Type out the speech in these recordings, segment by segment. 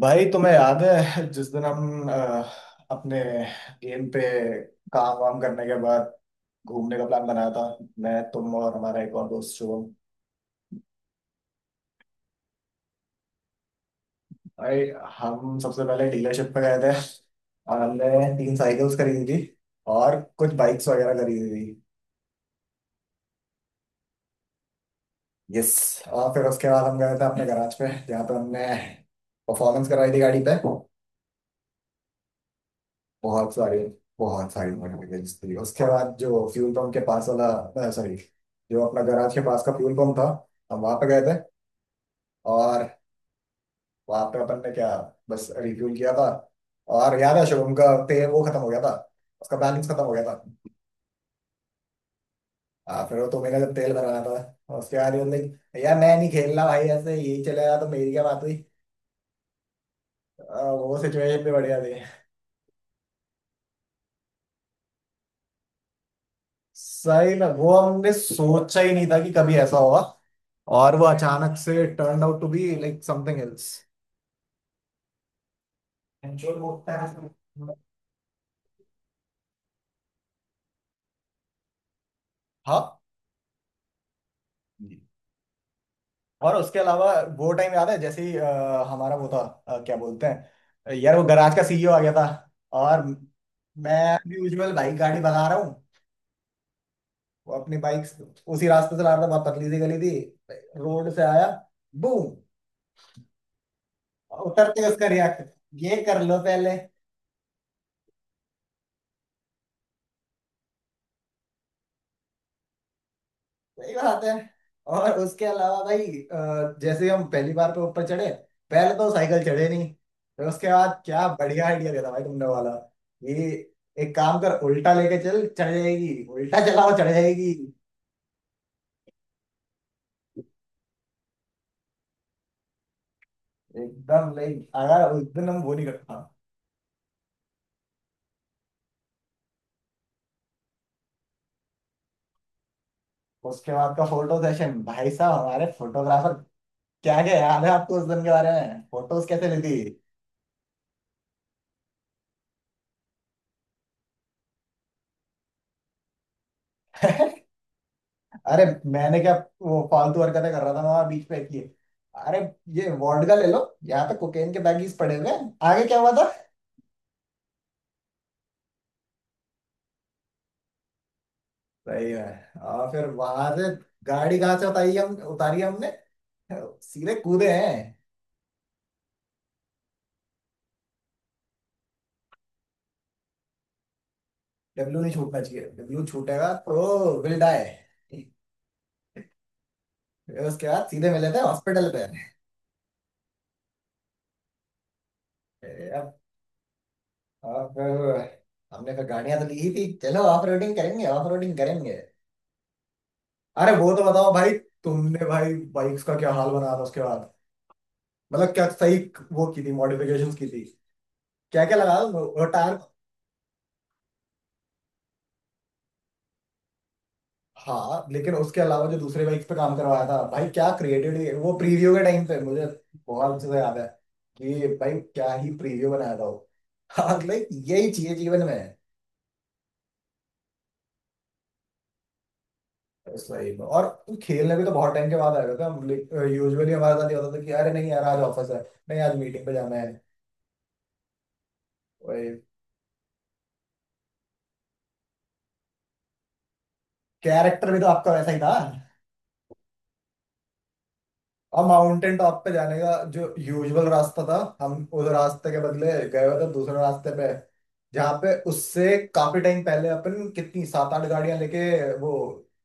भाई, तुम्हें याद है जिस दिन हम अपने गेम पे काम वाम करने के बाद घूमने का प्लान बनाया था? मैं, तुम और हमारा एक और दोस्त शुभम। भाई, हम सबसे पहले डीलरशिप पे गए थे और हमने तीन साइकिल्स खरीदी थी, और कुछ बाइक्स वगैरह खरीदी थी। यस। और फिर उसके बाद हम गए थे अपने गराज पे जहाँ पे हमने परफॉर्मेंस करवाई थी गाड़ी पे। बहुत सारी, बहुत सारी नोटिफिकेशन थी। उसके बाद जो फ्यूल पंप के पास वाला, सॉरी, जो अपना गराज के पास का फ्यूल पंप था, हम वहां पे गए थे। और वहां पे अपन ने क्या, बस रिफ्यूल किया था। और याद है शुभम का तेल वो खत्म हो गया था, उसका बैलेंस खत्म हो गया था। हाँ, फिर वो तुम्हें जब तेल भराना था उसके बाद ये बोलते, यार मैं नहीं खेलना भाई, ऐसे यही चलेगा तो मेरी क्या बात हुई। वो सिचुएशन भी बढ़िया थी। सही में, वो हमने सोचा ही नहीं था कि कभी ऐसा होगा, और वो अचानक से turn out to be like something else. हाँ जी। और उसके अलावा वो टाइम याद है जैसे ही हमारा वो था, क्या बोलते हैं यार, वो गराज का सीईओ आ गया था, और मैं भी यूजुअल बाइक गाड़ी भगा रहा हूँ। वो अपनी बाइक उसी रास्ते से ला रहा था, बहुत पतली सी गली थी। रोड से आया, बूम। उतरते ही उसका रिएक्ट, ये कर लो पहले। सही बात है। और उसके अलावा भाई, जैसे ही हम पहली बार पे ऊपर चढ़े, पहले तो साइकिल चढ़े नहीं। फिर उसके बाद क्या बढ़िया आइडिया देता भाई तुमने वाला। ये, एक काम कर, उल्टा लेके चल, चढ़ जाएगी। उल्टा चलाओ, चढ़ जाएगी। एकदम नहीं। अगर उस दिन हम वो नहीं करता। उसके बाद का फोटो सेशन भाई साहब, हमारे फोटोग्राफर। क्या क्या याद है आपको उस दिन के बारे में फोटोज कैसे लेती। अरे, मैंने क्या? वो फालतू हरकतें कर रहा था वहां, बीच पे किए। अरे, ये वोडका ले लो, यहाँ पे कोकेन के बैगीज पड़े हुए हैं, आगे क्या हुआ था। सही है। और फिर वहां से गाड़ी कहाँ से उतारी हम, उतारी हमने, सीधे कूदे हैं। W नहीं छूटना चाहिए। W छूटेगा तो विल डाई। उसके बाद सीधे मिले थे हॉस्पिटल पे। ए, अब अब फिर हमने फिर गाड़ियां तो ली ही थी। चलो, ऑफ रोडिंग करेंगे, ऑफ रोडिंग करेंगे। अरे वो तो बताओ भाई। तुमने भाई बाइक्स का क्या हाल बनाया था उसके बाद, मतलब क्या सही। वो की थी मॉडिफिकेशंस की थी, क्या क्या लगा वो टायर। हाँ, लेकिन उसके अलावा जो दूसरे बाइक्स पे काम करवाया था, भाई क्या क्रिएटिविटी! वो प्रीव्यू के टाइम पे मुझे बहुत अच्छे से याद है कि भाई क्या ही प्रीव्यू बनाया था वो। हाँ, लाइक यही चाहिए जीवन में। सही में। और खेलने भी तो बहुत टाइम के बाद आया था। यूजुअली हमारे साथ ये होता था कि अरे नहीं यार, आज ऑफिस है, नहीं आज मीटिंग पे जाना है। कैरेक्टर भी तो आपका वैसा ही था। अब माउंटेन टॉप पे जाने का जो यूजुअल रास्ता था, हम उस रास्ते के बदले गए हुए थे दूसरे रास्ते पे, जहाँ पे उससे काफी टाइम पहले अपन कितनी सात आठ गाड़ियां लेके, वो,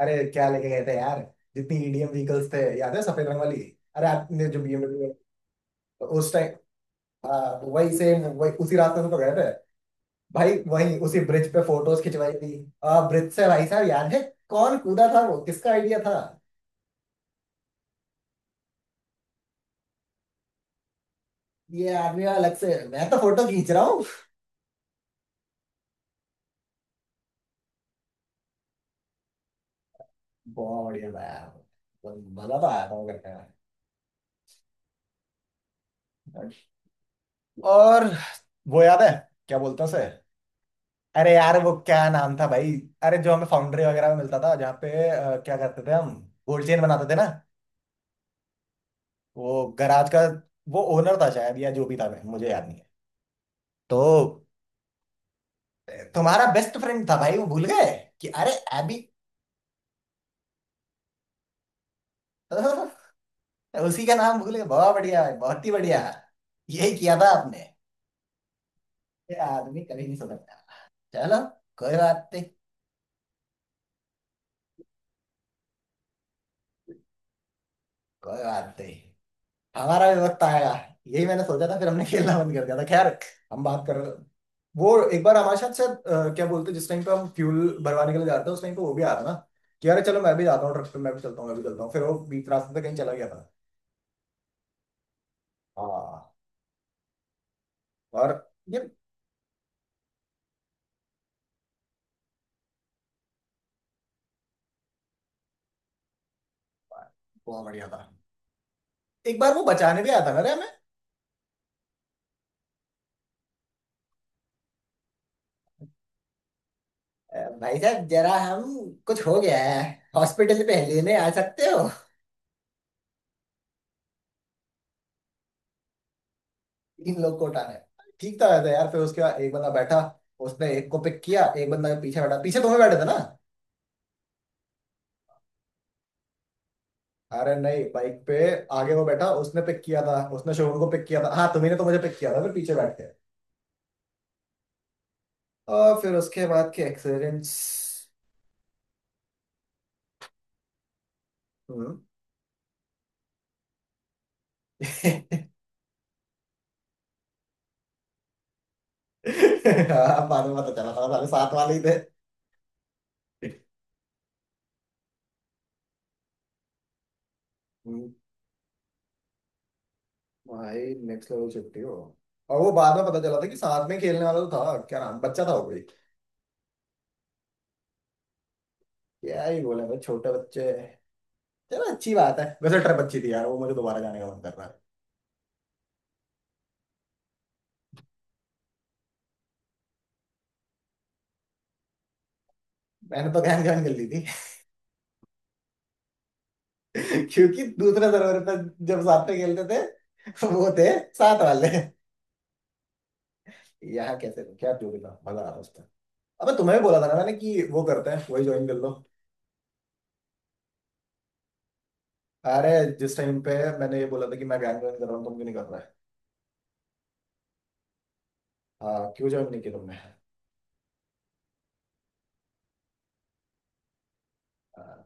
अरे क्या लेके गए थे यार, जितनी ईडीएम व्हीकल्स थे, याद है सफेद रंग वाली, अरे आपने जो बीएमडब्ल्यू उस टाइम। हाँ, वही सेम वही उसी रास्ते से तो गए थे भाई, वही उसी ब्रिज पे फोटोज खिंचवाई थी। ब्रिज से भाई साहब याद है, कौन कूदा था वो? किसका आइडिया था? ये आदमी अलग से, मैं तो फोटो खींच रहा हूँ। बहुत बढ़िया था। मजा तो आया था वो करने में। और वो याद है? क्या बोलते हैं उसे? अरे यार वो क्या नाम था भाई? अरे जो हमें फाउंड्री वगैरह में मिलता था, जहाँ पे क्या करते थे हम? गोल्ड चेन बनाते थे ना। वो गराज का वो ओनर था शायद, या जो भी था, मैं, मुझे याद नहीं है तो। तुम्हारा बेस्ट फ्रेंड था भाई, वो भूल गए कि अरे एबी। उसी का नाम भूल गए? बहुत बढ़िया भाई, बहुत ही बढ़िया। यही किया था आपने। ये आदमी कभी नहीं सुधरता। चलो, कोई बात नहीं। कोई बात नहीं, हमारा भी वक्त आएगा। यही मैंने सोचा था, फिर हमने खेलना बंद कर दिया था खैर। हम बात कर रहे- वो एक बार हमारे साथ शायद, क्या बोलते हैं, जिस टाइम पे हम फ्यूल भरवाने के लिए जाते हैं, उस टाइम पे वो भी आया था ना, कि अरे चलो मैं भी जाता हूँ ट्रक पे, मैं भी चलता हूँ, मैं भी चलता हूँ। फिर वो बीच रास्ते से कहीं चला गया था। हाँ, और ये बहुत बढ़िया था। एक बार वो बचाने भी आया था ना रे हमें। भाई साहब जरा, हम, कुछ हो गया है, हॉस्पिटल पे लेने आ सकते हो? इन लोग को उठाने ठीक था वैसे यार। फिर उसके बाद एक बंदा बैठा, उसने एक को पिक किया, एक बंदा पीछे बैठा, पीछे तुम्हें बैठे थे ना? अरे नहीं बाइक पे, आगे वो बैठा, उसने पिक किया था, उसने शोरूम को पिक किया था। हाँ, तुम्ही ने तो मुझे पिक किया था, फिर पीछे बैठ के। और फिर उसके बाद के एक्सीडेंट्स। हम्म। हाँ, बाद में पता चला था साले साथ वाले ही थे। हम्म, भाई नेक्स्ट लेवल छुट्टी हो। और वो बाद में पता चला था कि साथ में खेलने वाला तो था क्या नाम, बच्चा था वो कोई। क्या ही बोले भाई छोटे बच्चे। चलो अच्छी बात है वैसे, ट्रिप अच्छी थी यार, वो मुझे दोबारा जाने का मन कर रहा है। मैंने तो गहन गहन कर ली थी। क्योंकि दूसरे सर्वर पर जब साथ में खेलते थे, वो थे साथ वाले। यहाँ कैसे, क्या जोड़ी था, मजा आ रहा उसमें। अबे, तुम्हें भी बोला था ना मैंने कि वो करते हैं, वही ज्वाइन कर लो। अरे, जिस टाइम पे मैंने ये बोला था कि मैं गैंग ज्वाइन कर रहा हूँ, तुम क्यों नहीं कर रहे? हाँ, क्यों ज्वाइन नहीं किया तुमने? हाँ,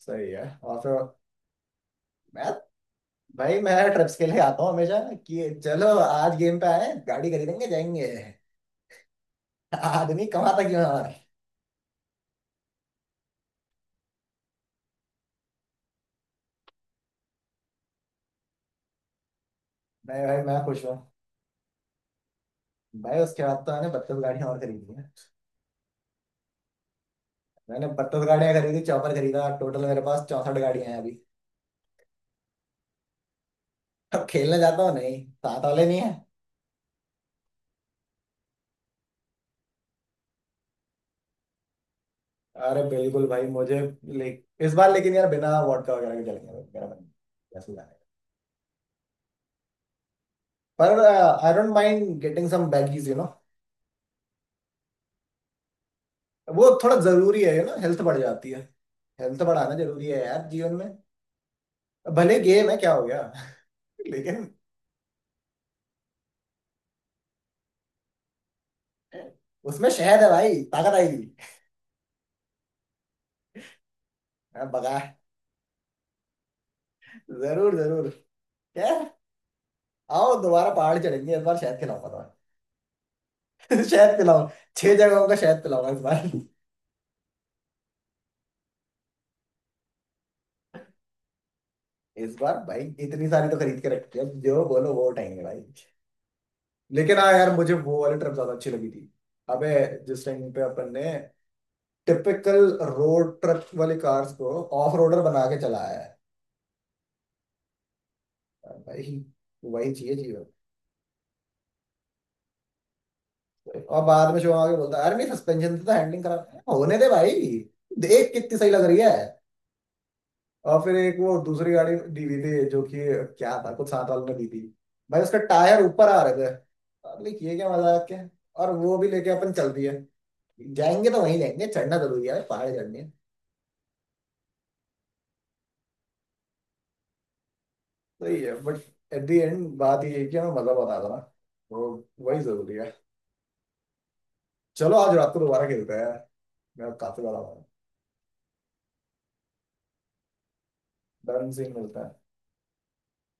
सही है। और फिर मैं, भाई मैं ट्रिप्स के लिए आता हूँ हमेशा, कि चलो आज गेम पे आए, गाड़ी खरीदेंगे, जाएंगे। आदमी कमाता क्यों है हमारा? नहीं भाई, मैं खुश हूँ। भाई, उसके बाद तो मैंने 32 गाड़ियां और खरीदी हैं। मैंने बत्तीस गाड़ियां खरीदी, चौपर खरीदा, टोटल मेरे पास 64 गाड़ियां हैं अभी। अब खेलने जाता हूँ नहीं, साथ वाले नहीं है। अरे बिल्कुल भाई, मुझे ले इस बार। लेकिन यार बिना वॉडका वगैरह के चलेंगे भाई, मेरा मन कैसे जाने का। पर I don't mind getting some baggies. वो थोड़ा जरूरी है, हेल्थ बढ़ जाती है। हेल्थ बढ़ाना जरूरी है यार, जीवन में। भले गेम है, क्या हो गया। लेकिन। उसमें शहद है भाई, ताकत आएगी। हाँ, बगा। जरूर जरूर। क्या! आओ दोबारा पहाड़ चढ़ेंगे, इस बार शहद खिलाऊंगा। शहद पिलाओ। छह जगहों का शहद पिलाओ इस बार। इस बार भाई इतनी सारी तो खरीद के रखी है, अब जो बोलो वो उठाएंगे भाई। लेकिन हाँ यार, मुझे वो वाली ट्रिप ज्यादा अच्छी लगी थी। अबे, जिस टाइम पे अपन ने टिपिकल रोड ट्रिप वाली कार्स को ऑफ रोडर बना के चलाया है भाई, वही चाहिए चाहिए। और बाद में जो आगे बोलता है, अरे नहीं, सस्पेंशन से तो हैंडलिंग खराब है, होने दे भाई, देख कितनी सही लग रही है। और फिर एक वो दूसरी गाड़ी दी हुई थी, जो कि क्या था, कुछ साथ वालों ने दी थी। भाई उसका टायर ऊपर आ रहे थे, लाइक ये क्या मजाक है। और वो भी लेके अपन चल दिए। जाएंगे तो वहीं जाएंगे, चढ़ना जरूरी है, पहाड़ चढ़नी है। सही है। बट एट द एंड बात ये है कि हमें मजा बता था ना, वो, वही जरूरी है। चलो आज रात को दोबारा खेलते हैं। मैं काफी बड़ा। डन। सीन मिलता है।